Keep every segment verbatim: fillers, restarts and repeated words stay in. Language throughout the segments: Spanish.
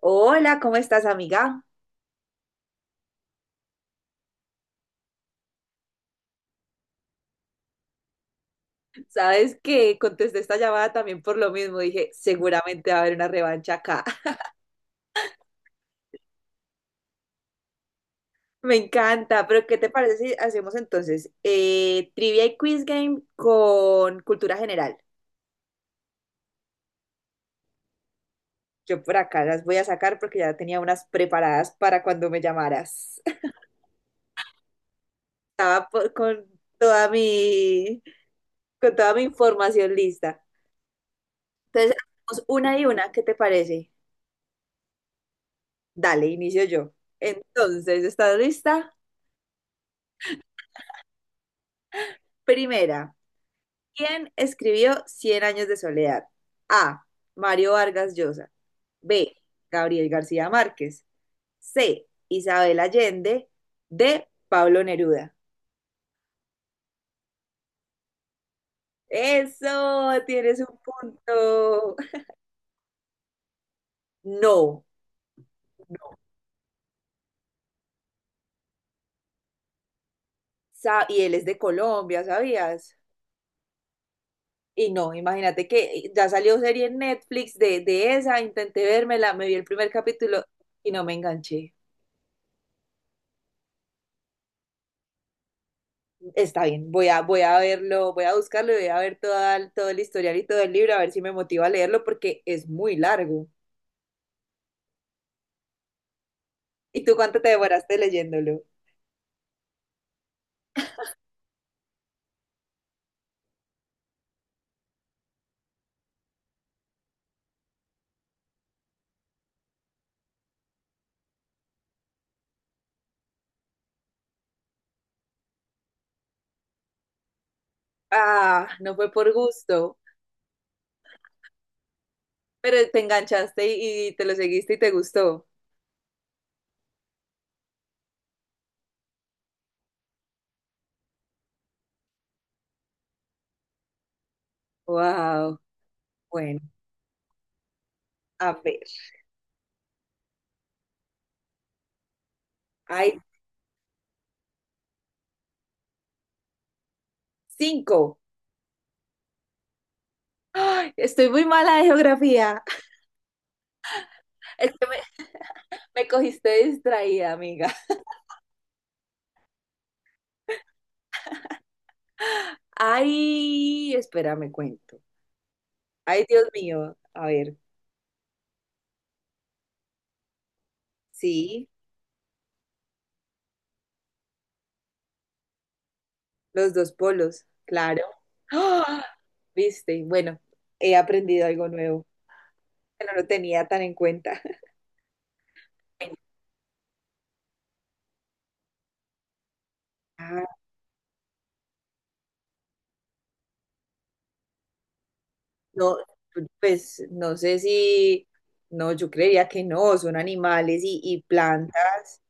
Hola, ¿cómo estás, amiga? Sabes que contesté esta llamada también por lo mismo. Dije, seguramente va a haber una revancha acá. Me encanta, pero ¿qué te parece si hacemos entonces eh, trivia y quiz game con cultura general? Yo por acá las voy a sacar porque ya tenía unas preparadas para cuando me llamaras. Estaba por- con toda mi, Con toda mi información lista. Entonces, hacemos una y una, ¿qué te parece? Dale, inicio yo. Entonces, ¿estás lista? Primera. ¿Quién escribió Cien años de soledad? A. Mario Vargas Llosa. B. Gabriel García Márquez. C. Isabel Allende. D. Pablo Neruda. Eso, tienes un punto. No. Sa- y él es de Colombia, ¿sabías? Y no, imagínate que ya salió serie en Netflix de, de esa, intenté vérmela, me vi el primer capítulo y no me enganché. Está bien, voy a, voy a verlo, voy a buscarlo y voy a ver toda, el- todo el historial y todo el libro, a ver si me motiva a leerlo porque es muy largo. ¿Y tú cuánto te demoraste leyéndolo? Ah, no fue por gusto, pero te enganchaste y, y te lo seguiste y te gustó. Wow, bueno, a ver, hay cinco. Ay, estoy muy mala de geografía. Es que me, Me cogiste distraída, amiga. Ay, espérame, cuento. Ay, Dios mío, a ver, sí. Los dos polos, claro. ¡Ah! ¿Viste? Bueno, he aprendido algo nuevo que no lo tenía tan en cuenta. Ah, no, pues no sé si, no, yo creería que no, son animales y, y plantas,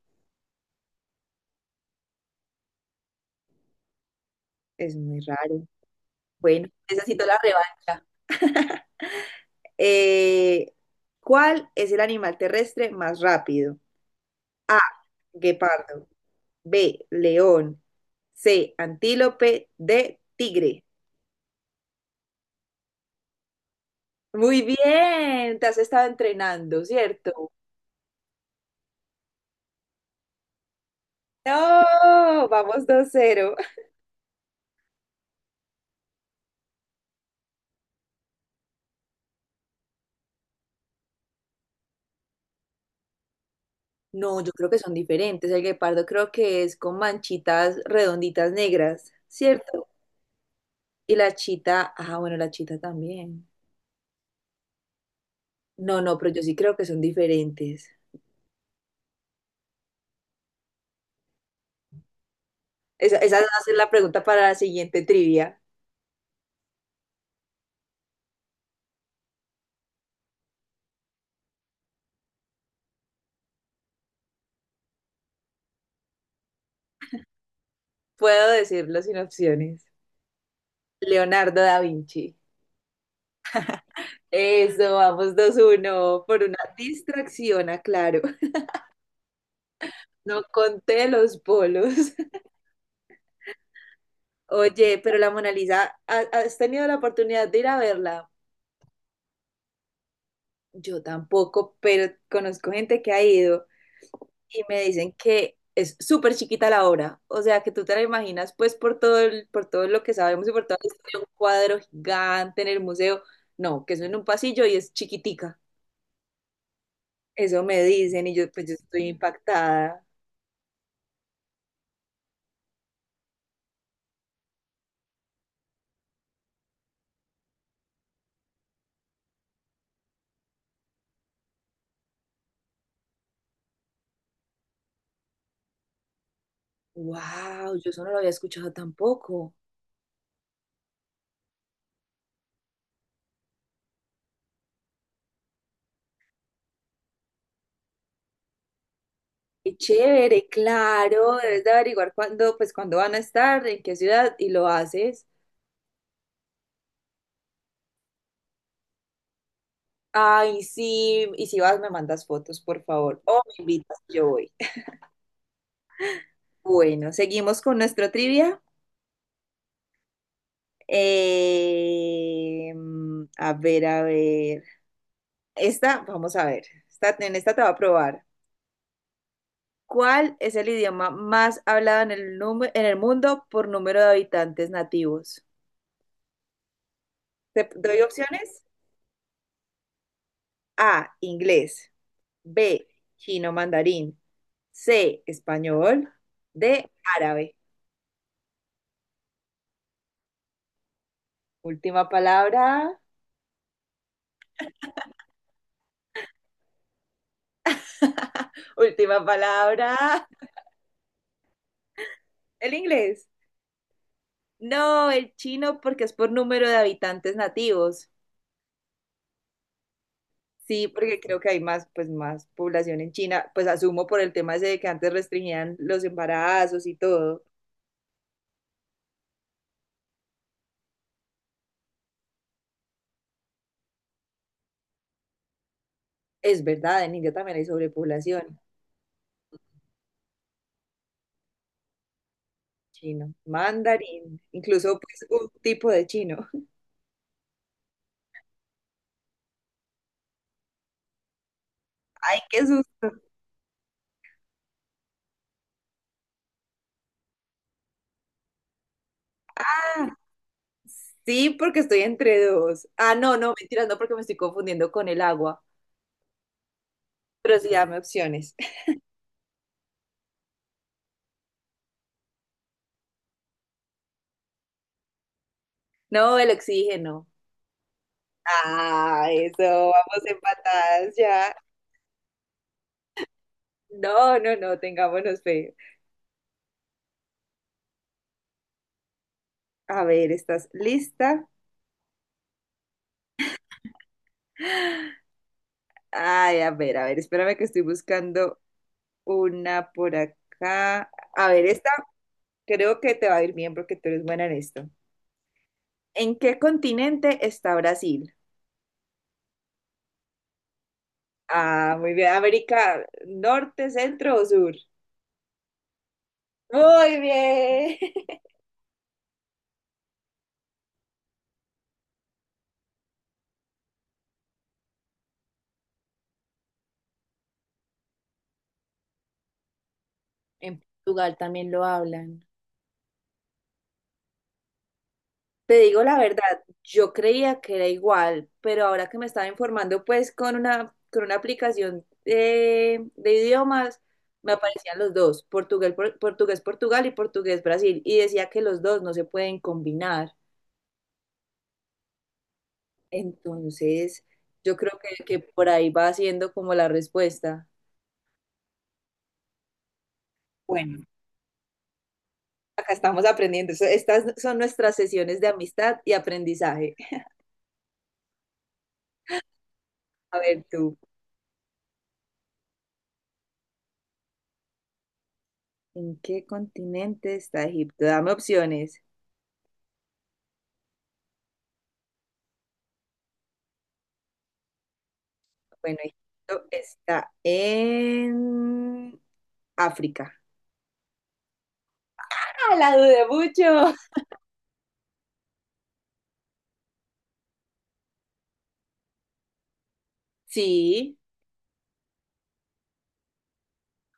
es muy raro. Bueno, necesito la revancha. Eh, ¿Cuál es el animal terrestre más rápido? A, guepardo, B, león, C, antílope, D, tigre. Muy bien, te has estado entrenando, ¿cierto? No, vamos dos cero. No, yo creo que son diferentes. El guepardo creo que es con manchitas redonditas negras, ¿cierto? Y la chita, ah, bueno, la chita también. No, no, pero yo sí creo que son diferentes. Esa, esa va a ser la pregunta para la siguiente trivia. Puedo decirlo sin opciones. Leonardo da Vinci. Eso, vamos dos uno, por una distracción, aclaro. No conté los bolos. Oye, pero la Mona Lisa, ¿ha- ¿has tenido la oportunidad de ir a verla? Yo tampoco, pero conozco gente que ha ido y me dicen que es súper chiquita la obra. O sea, que tú te la imaginas, pues, por todo el- por todo lo que sabemos y por toda la historia, un cuadro gigante en el museo. No, que eso en un pasillo y es chiquitica. Eso me dicen y yo, pues, yo estoy impactada. Wow, yo eso no lo había escuchado tampoco. Qué chévere, claro, debes de averiguar cuándo, pues cuándo van a estar, en qué ciudad y lo haces. Ay, sí, y si vas me mandas fotos, por favor, o me invitas, yo voy. Bueno, seguimos con nuestro trivia. Eh, a ver, a ver. Esta, vamos a ver. Esta, en esta te va a probar. ¿Cuál es el idioma más hablado en el, nume- en el mundo por número de habitantes nativos? ¿Te doy opciones? A, inglés. B, chino mandarín. C, español. D, árabe. Última palabra. Última palabra. El inglés. No, el chino porque es por número de habitantes nativos. Sí, porque creo que hay más, pues más población en China, pues asumo por el tema ese de que antes restringían los embarazos y todo. Es verdad, en India también hay sobrepoblación. Chino, mandarín, incluso pues un tipo de chino. Ay, qué susto. Sí, porque estoy entre dos. Ah, no, no, mentiras, no, porque me estoy confundiendo con el agua. Pero sí, dame opciones. No, el oxígeno. Ah, eso, vamos empatadas ya. No, no, no, tengámonos fe. A ver, ¿estás lista? Ay, a ver, a ver, espérame que estoy buscando una por acá. A ver, esta creo que te va a ir bien porque tú eres buena en esto. ¿En qué continente está Brasil? Ah, muy bien. ¿América Norte, Centro o Sur? Muy bien. En Portugal también lo hablan. Te digo la verdad, yo creía que era igual, pero ahora que me estaba informando, pues con una, con una aplicación eh, de, idiomas, me aparecían los dos, Portugal, por- portugués Portugal y portugués Brasil, y decía que los dos no se pueden combinar. Entonces, yo creo que, que por ahí va siendo como la respuesta. Bueno, acá estamos aprendiendo. Estas son nuestras sesiones de amistad y aprendizaje. A ver tú. ¿En qué continente está Egipto? Dame opciones. Bueno, Egipto está en África. ¡Ah, la dudé mucho! Sí,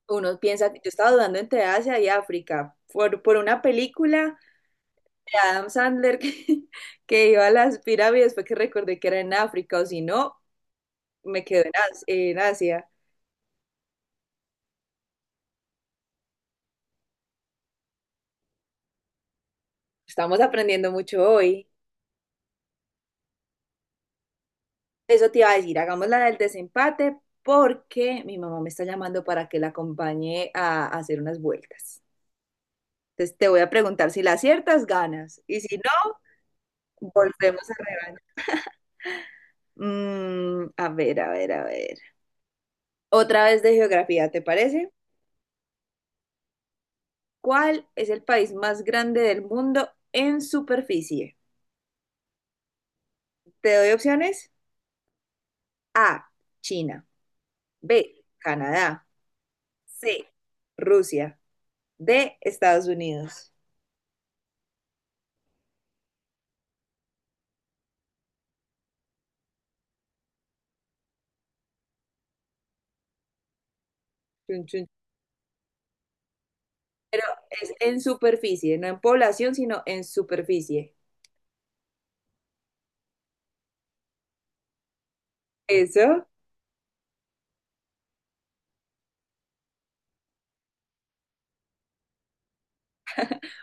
uno piensa que yo estaba dudando entre Asia y África por, por una película de Adam Sandler que, que iba a las pirámides, fue que recordé que era en África, o si no, me quedo en, As- en Asia. Estamos aprendiendo mucho hoy. Eso te iba a decir, hagamos la del desempate porque mi mamá me está llamando para que la acompañe a hacer unas vueltas. Entonces te voy a preguntar si la aciertas, ganas. Y si no, volvemos a rebaño. Mm, a ver, a ver, a ver. Otra vez de geografía, ¿te parece? ¿Cuál es el país más grande del mundo en superficie? Te doy opciones. A, China. B, Canadá. C, Rusia. D, Estados Unidos. Pero es en superficie, no en población, sino en superficie. Eso.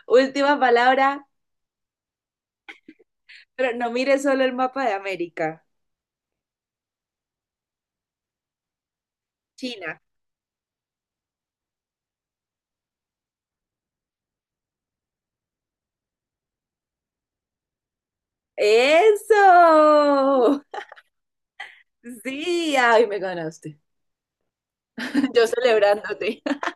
Última palabra, pero no mire solo el mapa de América. China. Eso. Sí, ay, me ganaste. Yo celebrándote.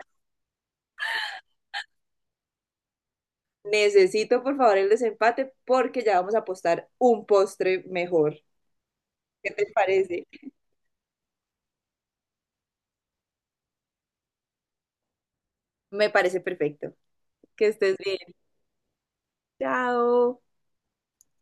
Necesito, por favor, el desempate porque ya vamos a apostar un postre mejor. ¿Qué te parece? Me parece perfecto. Que estés bien. Chao.